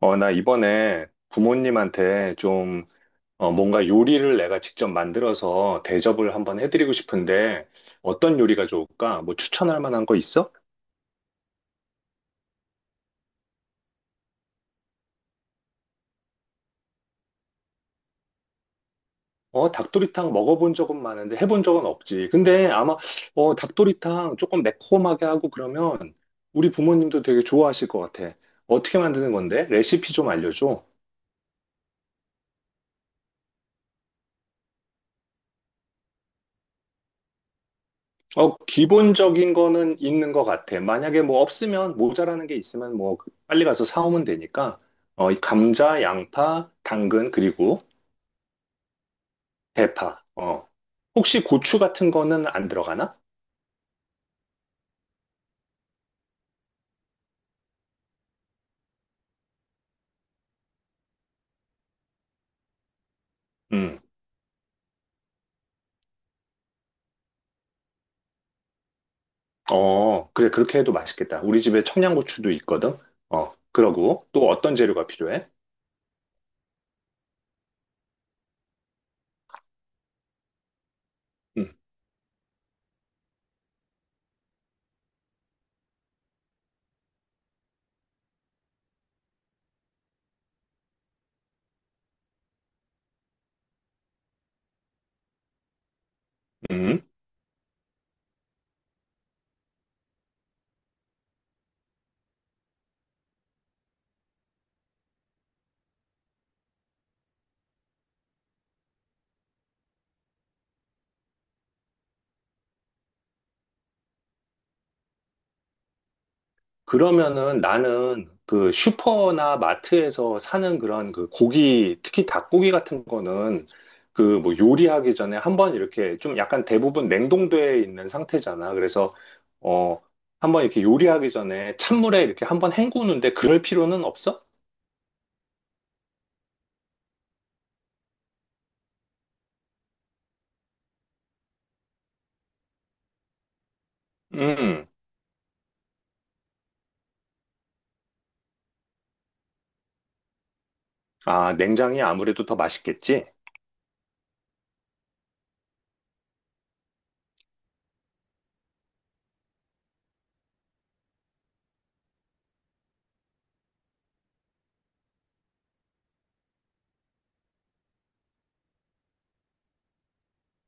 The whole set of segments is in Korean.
나 이번에 부모님한테 좀, 뭔가 요리를 내가 직접 만들어서 대접을 한번 해드리고 싶은데, 어떤 요리가 좋을까? 뭐 추천할 만한 거 있어? 닭도리탕 먹어본 적은 많은데 해본 적은 없지. 근데 아마, 닭도리탕 조금 매콤하게 하고 그러면 우리 부모님도 되게 좋아하실 것 같아. 어떻게 만드는 건데? 레시피 좀 알려줘. 기본적인 거는 있는 것 같아. 만약에 뭐 없으면 모자라는 게 있으면 뭐 빨리 가서 사오면 되니까. 이 감자, 양파, 당근, 그리고 대파. 어. 혹시 고추 같은 거는 안 들어가나? 음. 어, 그래. 그렇게 해도 맛있겠다. 우리 집에 청양고추도 있거든. 그러고 또 어떤 재료가 필요해? 음. 음. 그러면은 나는 그 슈퍼나 마트에서 사는 그런 그 고기, 특히 닭고기 같은 거는 그 뭐 요리하기 전에 한번 이렇게 좀 약간 대부분 냉동돼 있는 상태잖아. 그래서 어, 한번 이렇게 요리하기 전에 찬물에 이렇게 한번 헹구는데 그럴 필요는 없어? 음. 아, 냉장이 아무래도 더 맛있겠지?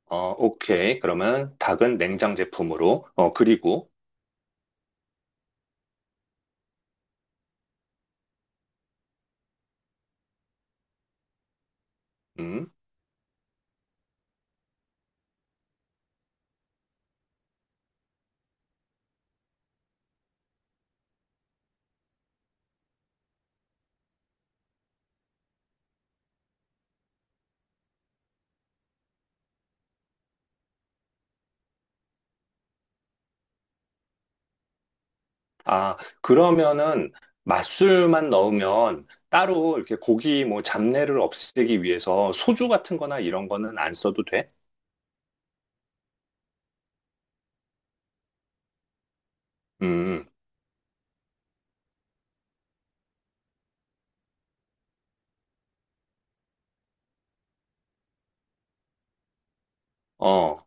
어, 오케이. 그러면 닭은 냉장 제품으로. 그리고 음. 아, 그러면은 맛술만 넣으면 따로 이렇게 고기 뭐 잡내를 없애기 위해서 소주 같은 거나 이런 거는 안 써도 돼? 음, 어.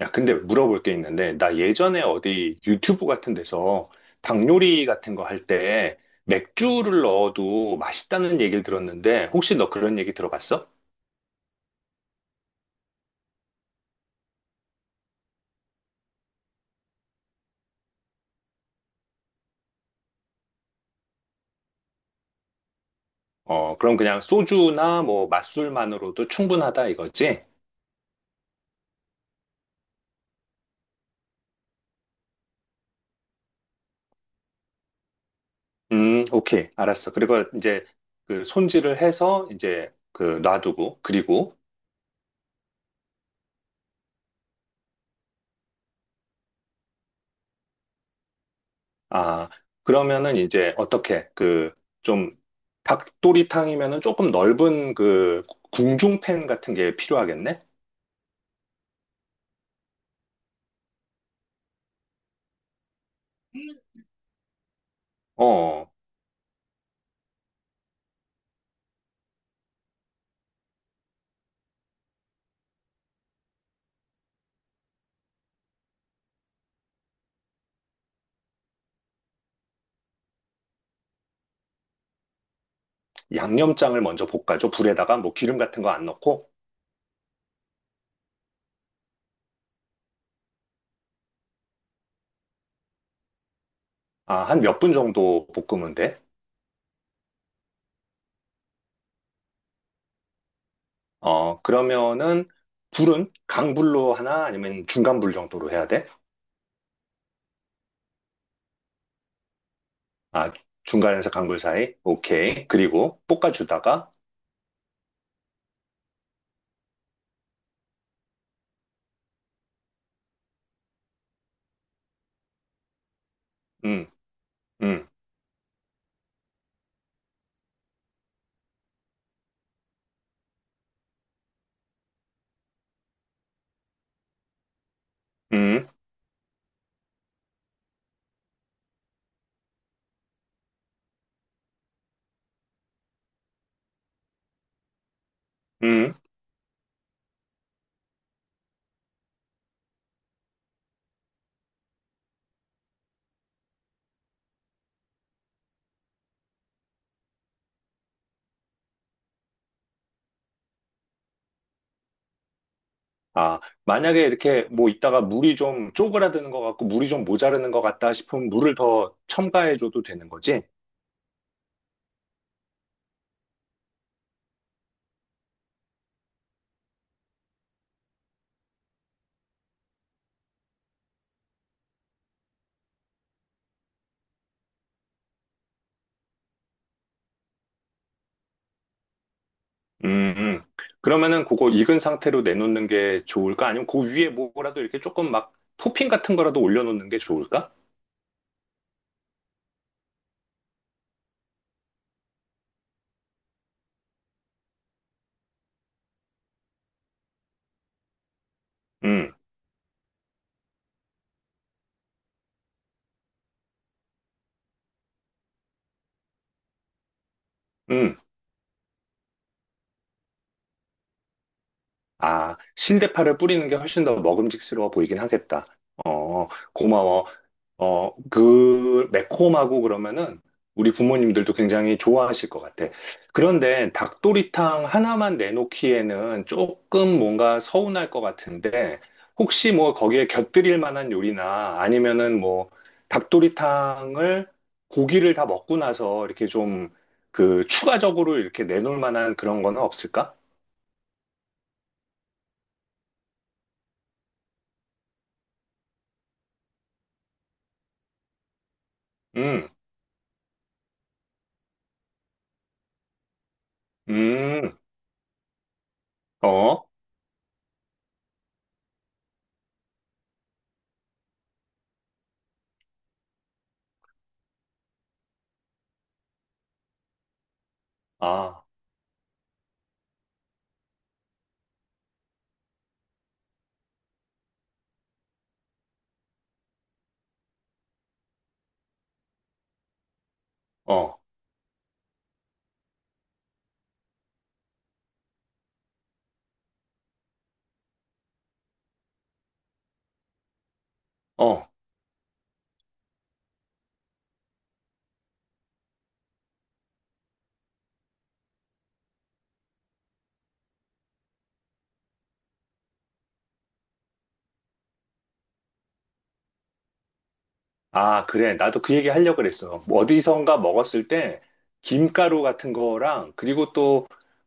야, 근데 물어볼 게 있는데, 나 예전에 어디 유튜브 같은 데서 닭 요리 같은 거 할 때 맥주를 넣어도 맛있다는 얘기를 들었는데, 혹시 너 그런 얘기 들어봤어? 그럼 그냥 소주나 뭐 맛술만으로도 충분하다 이거지? 오케이. 알았어. 그리고 이제 그 손질을 해서 이제 그 놔두고, 그리고, 아, 그러면은 이제 어떻게 그 좀 닭도리탕이면은 조금 넓은 그 궁중팬 같은 게 필요하겠네? 어, 양념장을 먼저 볶아줘. 불에다가 뭐 기름 같은 거 안 넣고, 아, 한 몇 분 정도 볶으면 돼. 그러면은 불은 강불로 하나 아니면 중간불 정도로 해야 돼? 아, 중간에서 강불 사이? 오케이. 그리고 볶아주다가, 음, 음, 음, 음. 아, 만약에 이렇게 뭐 있다가 물이 좀 쪼그라드는 것 같고 물이 좀 모자르는 것 같다 싶으면 물을 더 첨가해줘도 되는 거지? 음, 음. 그러면은 그거 익은 상태로 내놓는 게 좋을까? 아니면 그 위에 뭐라도 이렇게 조금 막 토핑 같은 거라도 올려놓는 게 좋을까? 음, 음. 아, 신대파를 뿌리는 게 훨씬 더 먹음직스러워 보이긴 하겠다. 어, 고마워. 그 매콤하고 그러면은 우리 부모님들도 굉장히 좋아하실 것 같아. 그런데 닭도리탕 하나만 내놓기에는 조금 뭔가 서운할 것 같은데 혹시 뭐 거기에 곁들일 만한 요리나 아니면은 뭐 닭도리탕을 고기를 다 먹고 나서 이렇게 좀 그 추가적으로 이렇게 내놓을 만한 그런 거는 없을까? 음, 음, 어, 아, 어, 어. 아, 그래. 나도 그 얘기 하려고 그랬어. 뭐 어디선가 먹었을 때 김가루 같은 거랑 그리고 또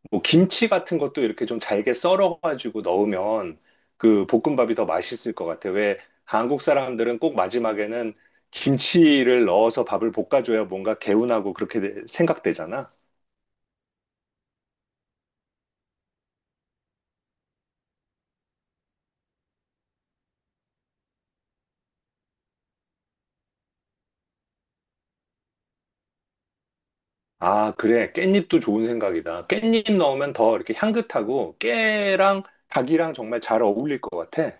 뭐 김치 같은 것도 이렇게 좀 잘게 썰어가지고 넣으면 그 볶음밥이 더 맛있을 것 같아. 왜 한국 사람들은 꼭 마지막에는 김치를 넣어서 밥을 볶아줘야 뭔가 개운하고 그렇게 생각되잖아. 아, 그래. 깻잎도 좋은 생각이다. 깻잎 넣으면 더 이렇게 향긋하고 깨랑 닭이랑 정말 잘 어울릴 것 같아.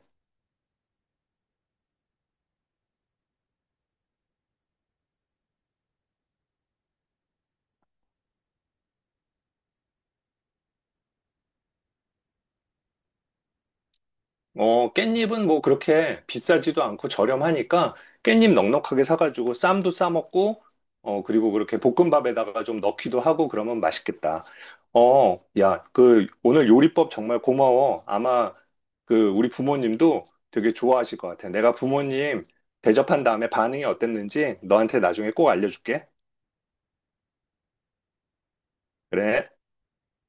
깻잎은 뭐 그렇게 비싸지도 않고 저렴하니까 깻잎 넉넉하게 사가지고 쌈도 싸먹고, 그리고 그렇게 볶음밥에다가 좀 넣기도 하고 그러면 맛있겠다. 야, 그 오늘 요리법 정말 고마워. 아마 그 우리 부모님도 되게 좋아하실 것 같아. 내가 부모님 대접한 다음에 반응이 어땠는지 너한테 나중에 꼭 알려줄게. 그래.